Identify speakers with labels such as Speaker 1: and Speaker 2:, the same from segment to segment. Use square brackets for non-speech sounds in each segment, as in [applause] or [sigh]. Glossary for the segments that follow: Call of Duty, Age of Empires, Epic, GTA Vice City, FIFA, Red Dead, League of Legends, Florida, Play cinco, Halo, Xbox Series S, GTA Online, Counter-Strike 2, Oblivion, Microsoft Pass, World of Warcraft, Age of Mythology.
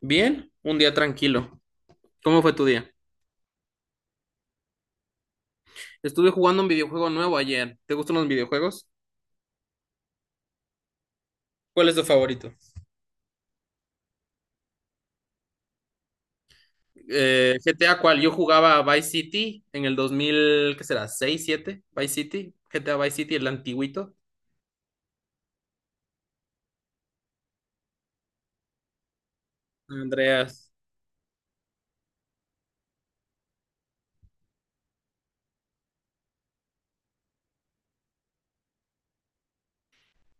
Speaker 1: Bien, un día tranquilo. ¿Cómo fue tu día? Estuve jugando un videojuego nuevo ayer. ¿Te gustan los videojuegos? ¿Cuál es tu favorito? GTA, ¿cuál? Yo jugaba Vice City en el 2000, ¿qué será? 6 7 Vice City, GTA Vice City, el antiguito. Andreas.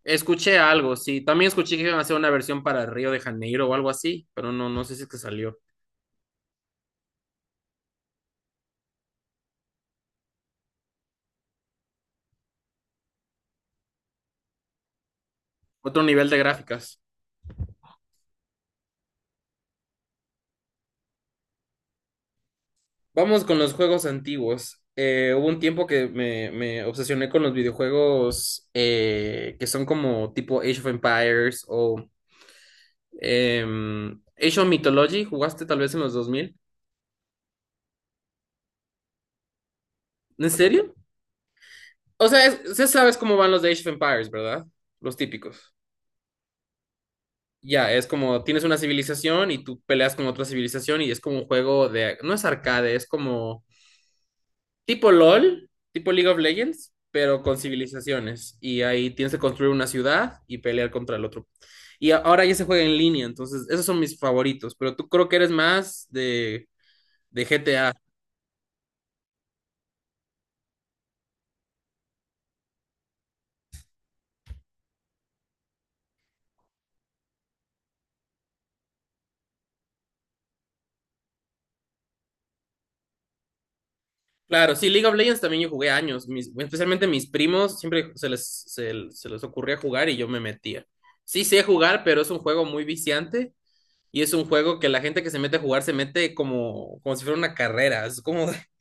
Speaker 1: Escuché algo, sí. También escuché que iban a hacer una versión para Río de Janeiro o algo así, pero no, no sé si es que salió. Otro nivel de gráficas. Vamos con los juegos antiguos. Hubo un tiempo que me obsesioné con los videojuegos que son como tipo Age of Empires o Age of Mythology. ¿Jugaste tal vez en los dos mil? ¿En serio? O sea, sí sabes cómo van los de Age of Empires, ¿verdad? Los típicos. Ya, es como tienes una civilización y tú peleas con otra civilización y es como un juego de, no es arcade, es como tipo LOL, tipo League of Legends, pero con civilizaciones. Y ahí tienes que construir una ciudad y pelear contra el otro. Ahora ya se juega en línea, entonces esos son mis favoritos, pero tú creo que eres más de GTA. Claro, sí, League of Legends también yo jugué años, especialmente mis primos, siempre se les ocurría jugar y yo me metía. Sí sé jugar, pero es un juego muy viciante y es un juego que la gente que se mete a jugar se mete como si fuera una carrera, es como [laughs]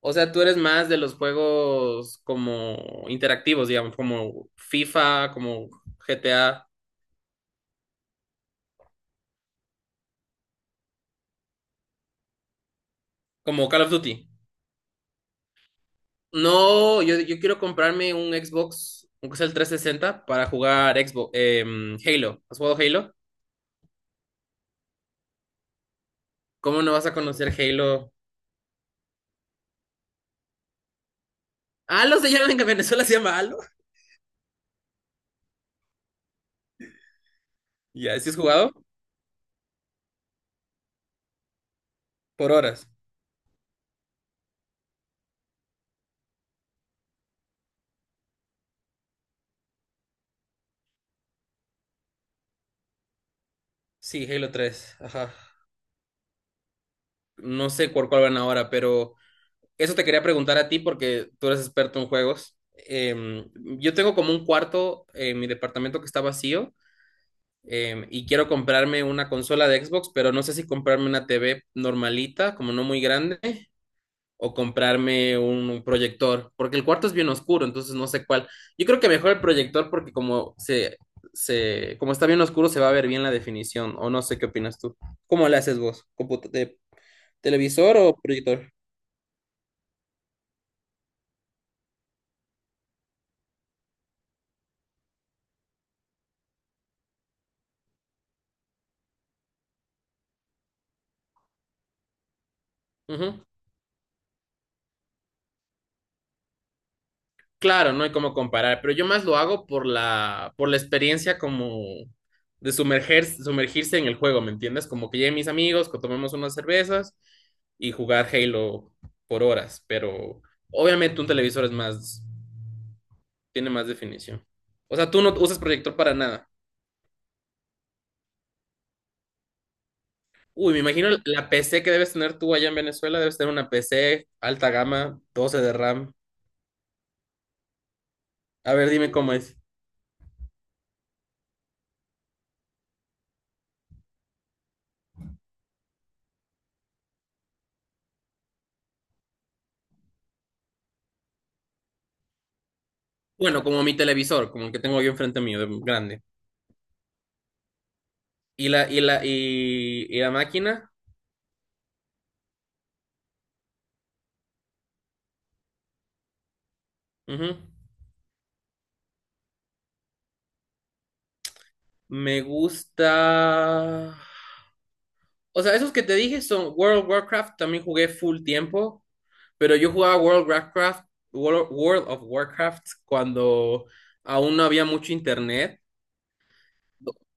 Speaker 1: O sea, tú eres más de los juegos como interactivos, digamos, como FIFA, como GTA, como Call of Duty. No, yo quiero comprarme un Xbox, aunque sea el 360, para jugar Xbox, Halo. ¿Has jugado Halo? ¿Cómo no vas a conocer Halo? Halo se llama en Venezuela, se llama Halo. [laughs] Ya, ¿sí has jugado? Por horas. Sí, Halo 3. Ajá. No sé por cuál van ahora, pero eso te quería preguntar a ti porque tú eres experto en juegos. Yo tengo como un cuarto en mi departamento que está vacío y quiero comprarme una consola de Xbox, pero no sé si comprarme una TV normalita, como no muy grande, o comprarme un proyector, porque el cuarto es bien oscuro, entonces no sé cuál. Yo creo que mejor el proyector porque como está bien oscuro se va a ver bien la definición, o no sé qué opinas tú. ¿Cómo le haces vos? ¿Televisor o proyector? Claro, no hay cómo comparar, pero yo más lo hago por la experiencia como de sumergirse en el juego, ¿me entiendes? Como que lleguen mis amigos, que tomemos unas cervezas y jugar Halo por horas, pero obviamente un televisor es más, tiene más definición. O sea, tú no usas proyector para nada. Uy, me imagino la PC que debes tener tú allá en Venezuela, debes tener una PC alta gama, 12 de RAM. A ver, dime cómo es. Bueno, como mi televisor, como el que tengo yo enfrente mío, grande. Y la máquina. Ujú. Me gusta. O sea, esos que te dije son World of Warcraft, también jugué full tiempo, pero yo jugaba World of Warcraft cuando aún no había mucho internet,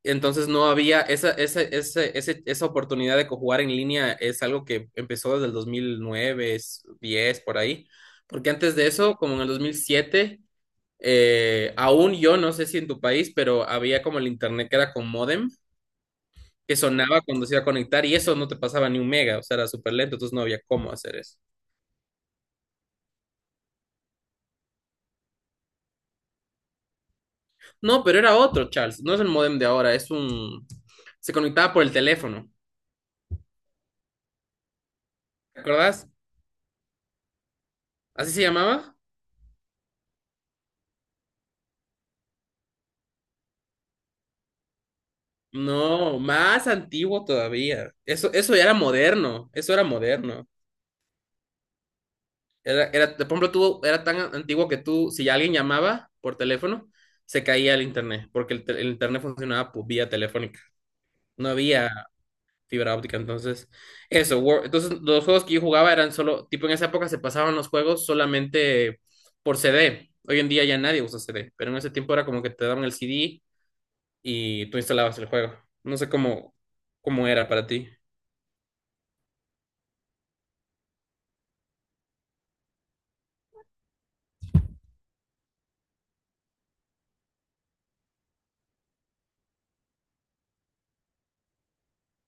Speaker 1: entonces no había esa oportunidad de jugar en línea, es algo que empezó desde el 2009 10 por ahí, porque antes de eso, como en el 2007 aún yo no sé si en tu país, pero había como el internet que era con módem, que sonaba cuando se iba a conectar y eso no te pasaba ni un mega, o sea, era súper lento, entonces no había cómo hacer eso. No, pero era otro, Charles, no es el módem de ahora, es un. Se conectaba por el teléfono, ¿te acordás? ¿Así se llamaba? No, más antiguo todavía. Eso ya era moderno, eso era moderno. Era, por ejemplo, era tan antiguo que tú, si alguien llamaba por teléfono, se caía el internet, porque el internet funcionaba por vía telefónica. No había fibra óptica, entonces eso. Entonces los juegos que yo jugaba eran solo, tipo en esa época se pasaban los juegos solamente por CD. Hoy en día ya nadie usa CD, pero en ese tiempo era como que te daban el CD y tú instalabas el juego. No sé cómo era para ti.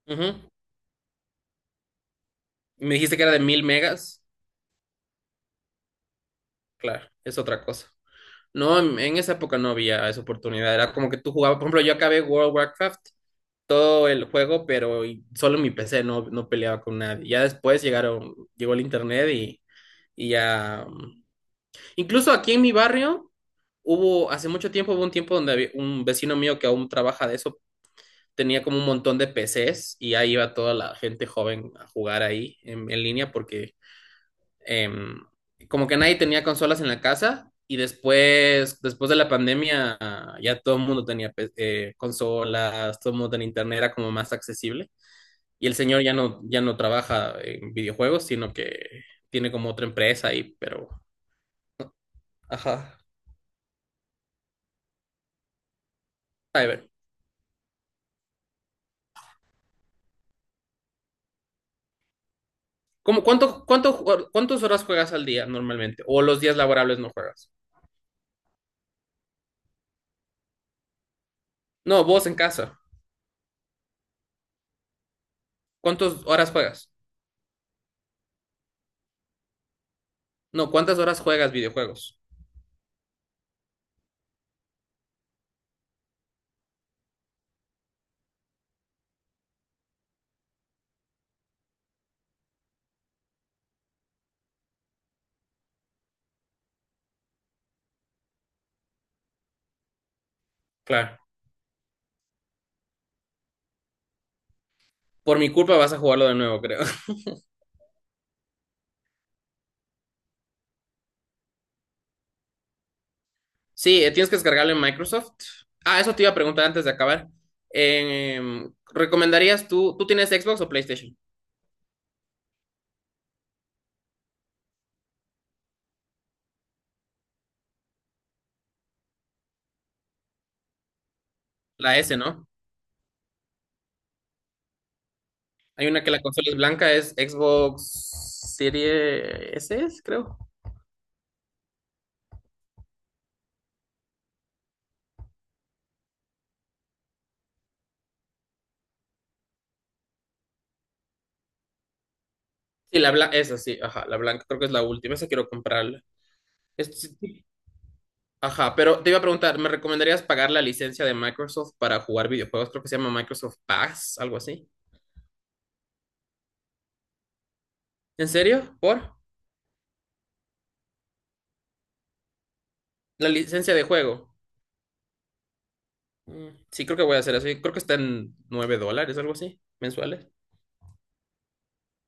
Speaker 1: Ujú. Me dijiste que era de 1.000 megas. Claro, es otra cosa. No, en esa época no había esa oportunidad. Era como que tú jugabas, por ejemplo, yo acabé World of Warcraft todo el juego, pero solo mi PC no peleaba con nadie. Ya después llegó el internet y ya. Incluso aquí en mi barrio hubo, hace mucho tiempo, hubo un tiempo donde había un vecino mío que aún trabaja de eso, tenía como un montón de PCs y ahí iba toda la gente joven a jugar ahí en línea porque em, como que nadie tenía consolas en la casa. Y después, después de la pandemia, ya todo el mundo tenía consolas, todo el mundo tenía internet, era como más accesible. Y el señor ya no, ya no trabaja en videojuegos, sino que tiene como otra empresa ahí, pero. Ajá. A ver. ¿Cómo, cuánto, cuánto, ju- cuántas horas juegas al día normalmente? ¿O los días laborables no juegas? No, vos en casa. ¿Cuántas horas juegas? No, ¿cuántas horas juegas videojuegos? Claro. Por mi culpa vas a jugarlo de nuevo, creo. [laughs] Sí, tienes que descargarlo en Microsoft. Ah, eso te iba a preguntar antes de acabar. ¿Recomendarías tú tienes Xbox o PlayStation? La S, ¿no? Hay una que la consola es blanca, es Xbox Series S, creo. Sí, la blanca, esa sí, ajá, la blanca, creo que es la última, esa quiero comprarla. Sí, sí. Ajá, pero te iba a preguntar, ¿me recomendarías pagar la licencia de Microsoft para jugar videojuegos? Creo que se llama Microsoft Pass, algo así. ¿En serio? ¿Por? La licencia de juego. Mm, sí, creo que voy a hacer eso. Creo que está en $9, algo así, mensuales.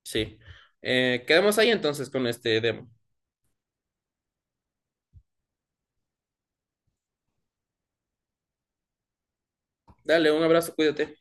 Speaker 1: Sí. Quedamos ahí entonces con este demo. Dale, un abrazo, cuídate.